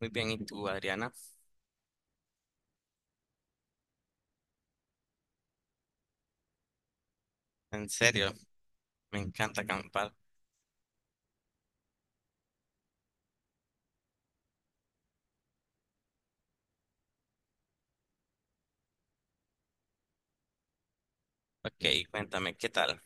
Muy bien, ¿y tú, Adriana? En serio, me encanta acampar. Ok, cuéntame, ¿qué tal?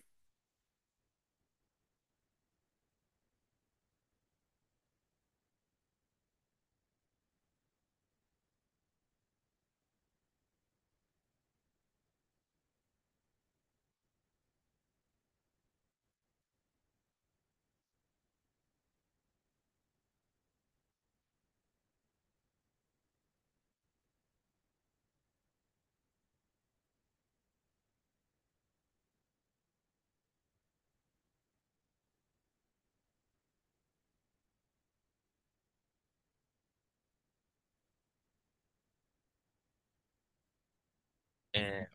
Eh,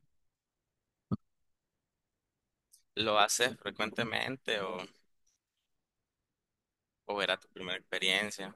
¿Lo haces frecuentemente o era tu primera experiencia?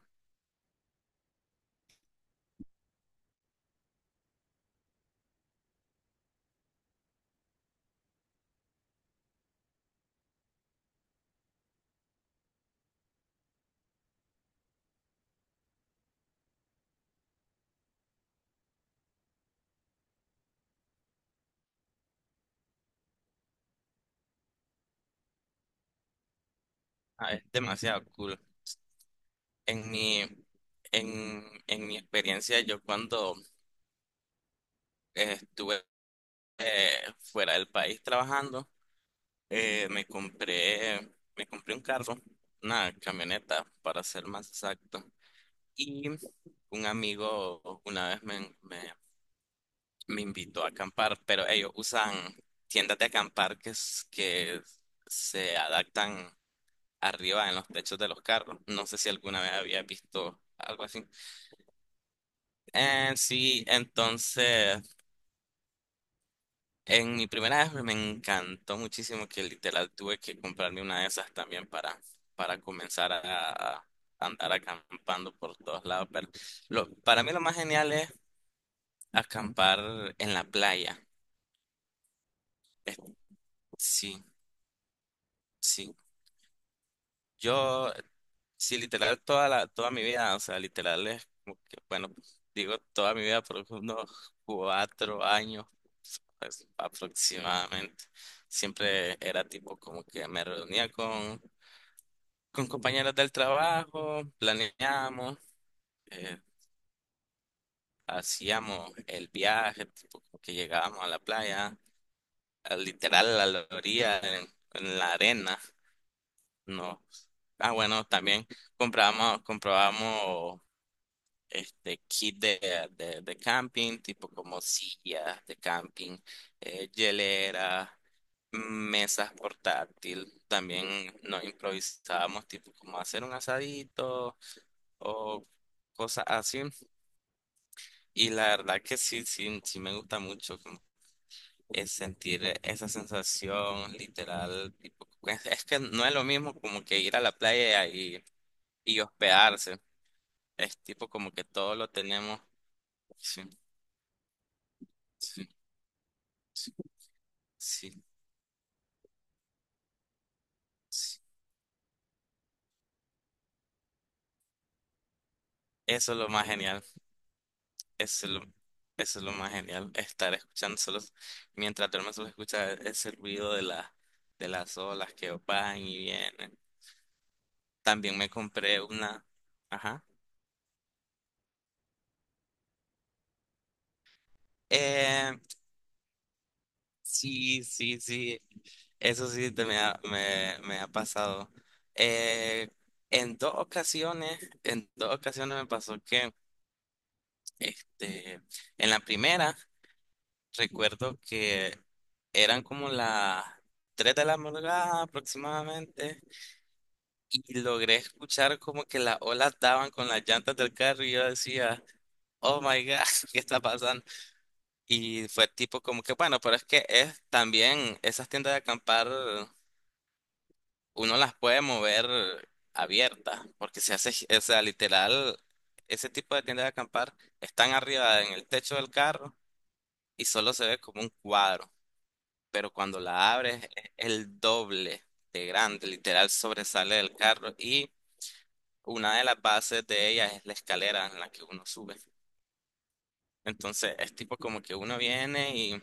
Ah, es demasiado cool. En mi, en mi experiencia, yo cuando estuve eh, fuera del país trabajando, me compré un carro, una camioneta, para ser más exacto. Y un amigo una vez me invitó a acampar, pero ellos usan tiendas de acampar que, que se adaptan arriba en los techos de los carros. No sé si alguna vez había visto algo así. Sí, entonces en mi primera vez me encantó muchísimo que literal tuve que comprarme una de esas también para comenzar a andar acampando por todos lados. Pero para mí lo más genial es acampar en la playa. Es- Sí, sí. Yo sí, literal, toda mi vida, o sea, literal es como que, bueno, pues, digo toda mi vida, por unos 4 años pues, aproximadamente. Siempre era tipo como que con compañeras del trabajo, planeábamos, eh, hacíamos el viaje, tipo como que llegábamos a la playa, literal a la orilla, en la arena, no. Ah, bueno, también comprábamos este kit de camping, tipo como sillas de camping, hielera, mesas portátil. También nos improvisábamos, tipo como hacer un asadito o cosas así. Y la verdad que sí, sí, sí me gusta mucho como es sentir esa sensación literal. Tipo, es que no es lo mismo como que ir a la playa y hospedarse. Es tipo como que todo lo tenemos. Sí, sí, sí. Sí. Eso es lo más genial. Eso es lo, eso es lo más genial. Estar escuchando solo, mientras duermes solo escucha ese ruido de de las olas que van y vienen. También me compré una. Ajá. Eh, sí, sí, sí. Eso sí te me ha, me ha pasado. Eh, en dos ocasiones me pasó este, en la primera. Recuerdo que eran como las 3 de la madrugada aproximadamente y logré escuchar como que las olas daban con las llantas del carro y yo decía, oh my God, ¿qué está pasando? Y fue tipo como que, bueno, pero es que es también esas tiendas de acampar, uno las puede mover abiertas, porque se hace, o sea, literal, ese tipo de tiendas de acampar están arriba en el techo del carro y solo se ve como un cuadro. Pero cuando la abres es el doble de grande, literal sobresale del carro y una de las bases de ella es la escalera en la que uno sube. Entonces es tipo como que uno viene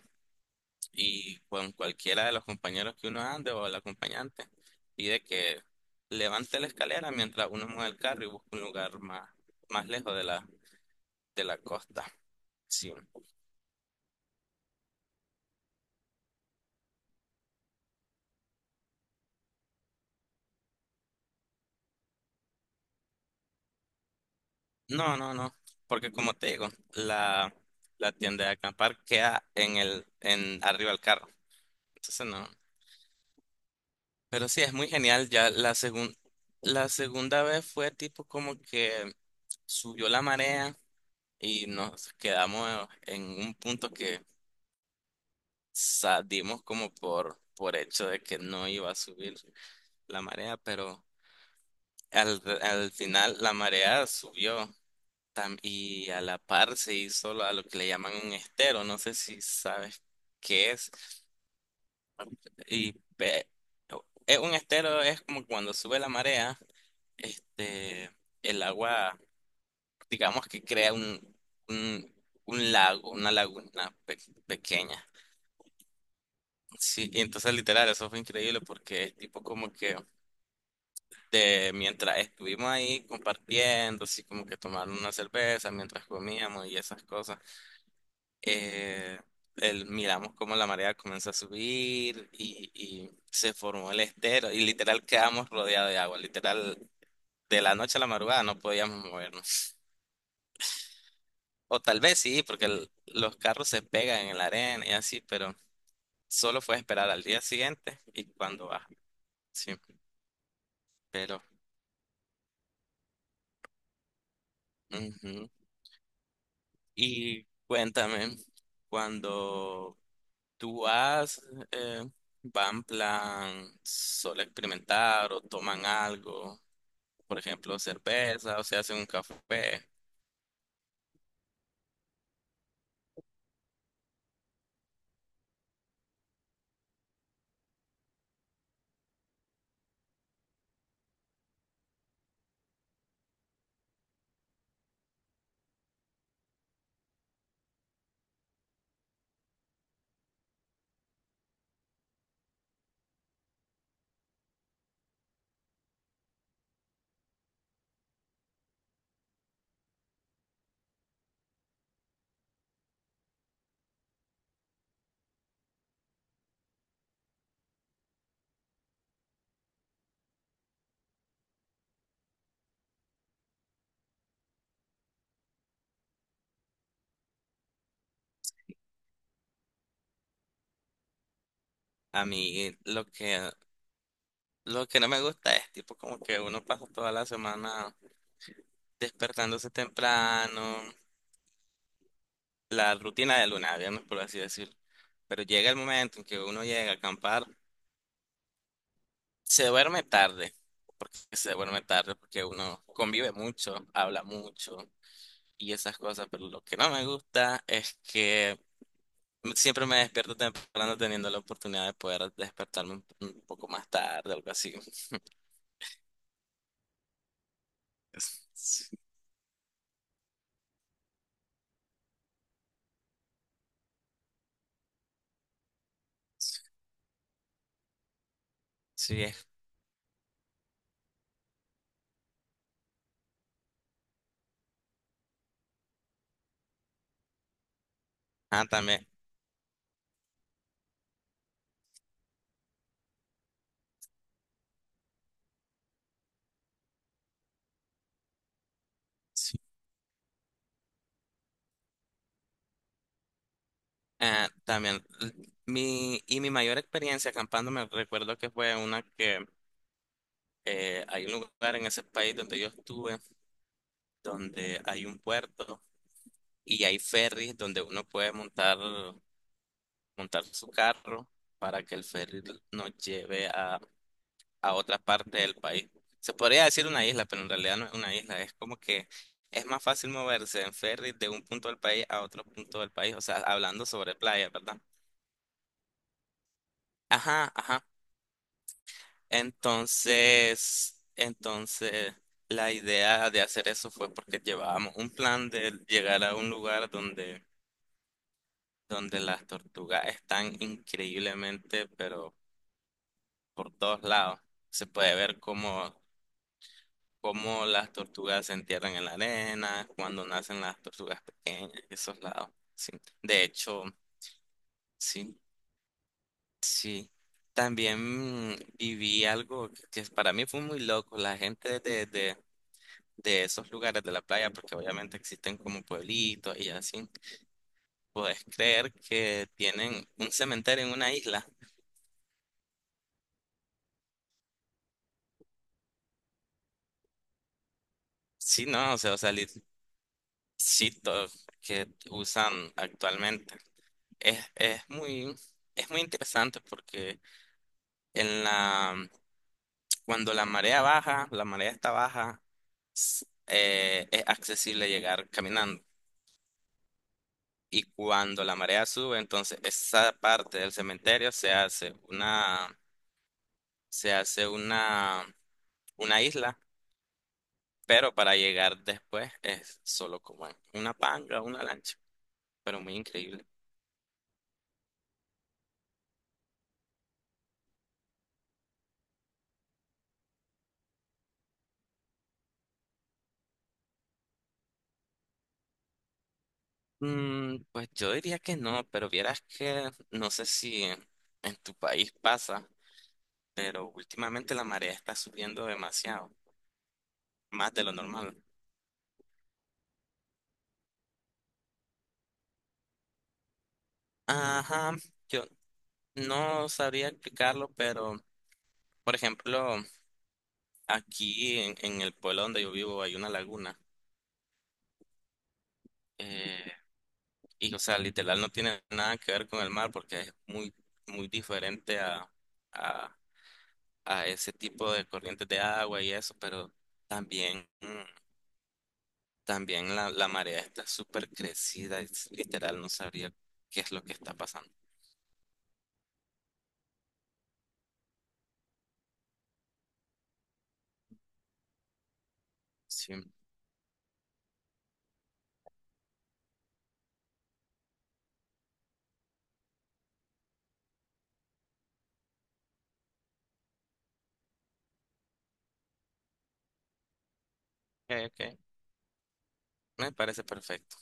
y con cualquiera de los compañeros que uno ande o el acompañante pide que levante la escalera mientras uno mueve el carro y busca un lugar más, más lejos de de la costa. Sí. No, no, no, porque como te digo, la, la tienda de acampar queda en en arriba del carro. Entonces no. Pero sí, es muy genial. Ya la segunda vez fue tipo como que subió la marea y nos quedamos en un punto que salimos como por hecho de que no iba a subir la marea, pero al final la marea subió y a la par se hizo a lo que le llaman un estero. No sé si sabes qué es. Y pe- es un estero es como cuando sube la marea. Este, el agua, digamos que crea un, un lago, una laguna pequeña. Sí, y entonces literal, eso fue increíble porque es tipo como que de mientras estuvimos ahí compartiendo, así como que tomando una cerveza mientras comíamos y esas cosas, eh, miramos como la marea comenzó a subir y se formó el estero y literal quedamos rodeados de agua, literal de la noche a la madrugada no podíamos movernos. O tal vez sí, porque los carros se pegan en la arena y así, pero solo fue esperar al día siguiente y cuando baja. Sí, pero. Ujú. Y cuéntame, cuando tú vas, eh, va en plan solo experimentar o toman algo, por ejemplo, cerveza o se hacen un café. A mí lo que no me gusta es tipo como que uno pasa toda la semana despertándose temprano. La rutina de luna, viernes, por así decir. Pero llega el momento en que uno llega a acampar, se duerme tarde, porque se duerme tarde, porque uno convive mucho, habla mucho y esas cosas, pero lo que no me gusta es que siempre me despierto temprano teniendo la oportunidad de poder despertarme un poco más tarde, algo así. Sí, sí, es. Ah, también. Sí. Ah, también. Y mi mayor experiencia acampando me recuerdo que fue una que hay un lugar en ese país donde yo estuve, donde hay un puerto y hay ferries donde uno puede montar su carro para que el ferry nos lleve a otra parte del país. Se podría decir una isla, pero en realidad no es una isla, es como que es más fácil moverse en ferry de un punto del país a otro punto del país, o sea, hablando sobre playa, ¿verdad? Ajá, ajá. Entonces la idea de hacer eso fue porque llevábamos un plan de llegar a un lugar donde las tortugas están increíblemente, pero por todos lados. Se puede ver cómo, cómo las tortugas se entierran en la arena, cuando nacen las tortugas pequeñas, esos lados. Sí. De hecho, sí, sí. También viví algo que para mí fue muy loco. La gente de de esos lugares de la playa, porque obviamente existen como pueblitos y así, puedes creer que tienen un cementerio en una isla. Sí, no, o sea, sí, que usan actualmente. Es, es muy, es muy interesante porque en la, cuando la marea baja, la marea está baja, es accesible llegar caminando. Y cuando la marea sube, entonces esa parte del cementerio se hace una isla, pero para llegar después es solo como en una panga, una lancha, pero muy increíble. Mm, pues yo diría que no, pero vieras que no sé si en tu país pasa, pero últimamente la marea está subiendo demasiado, más de lo normal. Ajá, yo no sabría explicarlo, pero por ejemplo, aquí en el pueblo donde yo vivo hay una laguna. eh, Y, o sea, literal no tiene nada que ver con el mar porque es muy, muy diferente a, a ese tipo de corrientes de agua y eso, pero también, mm, también la marea está súper crecida, es, literal no sabría qué es lo que está pasando. Sí, ok, ok, me parece perfecto.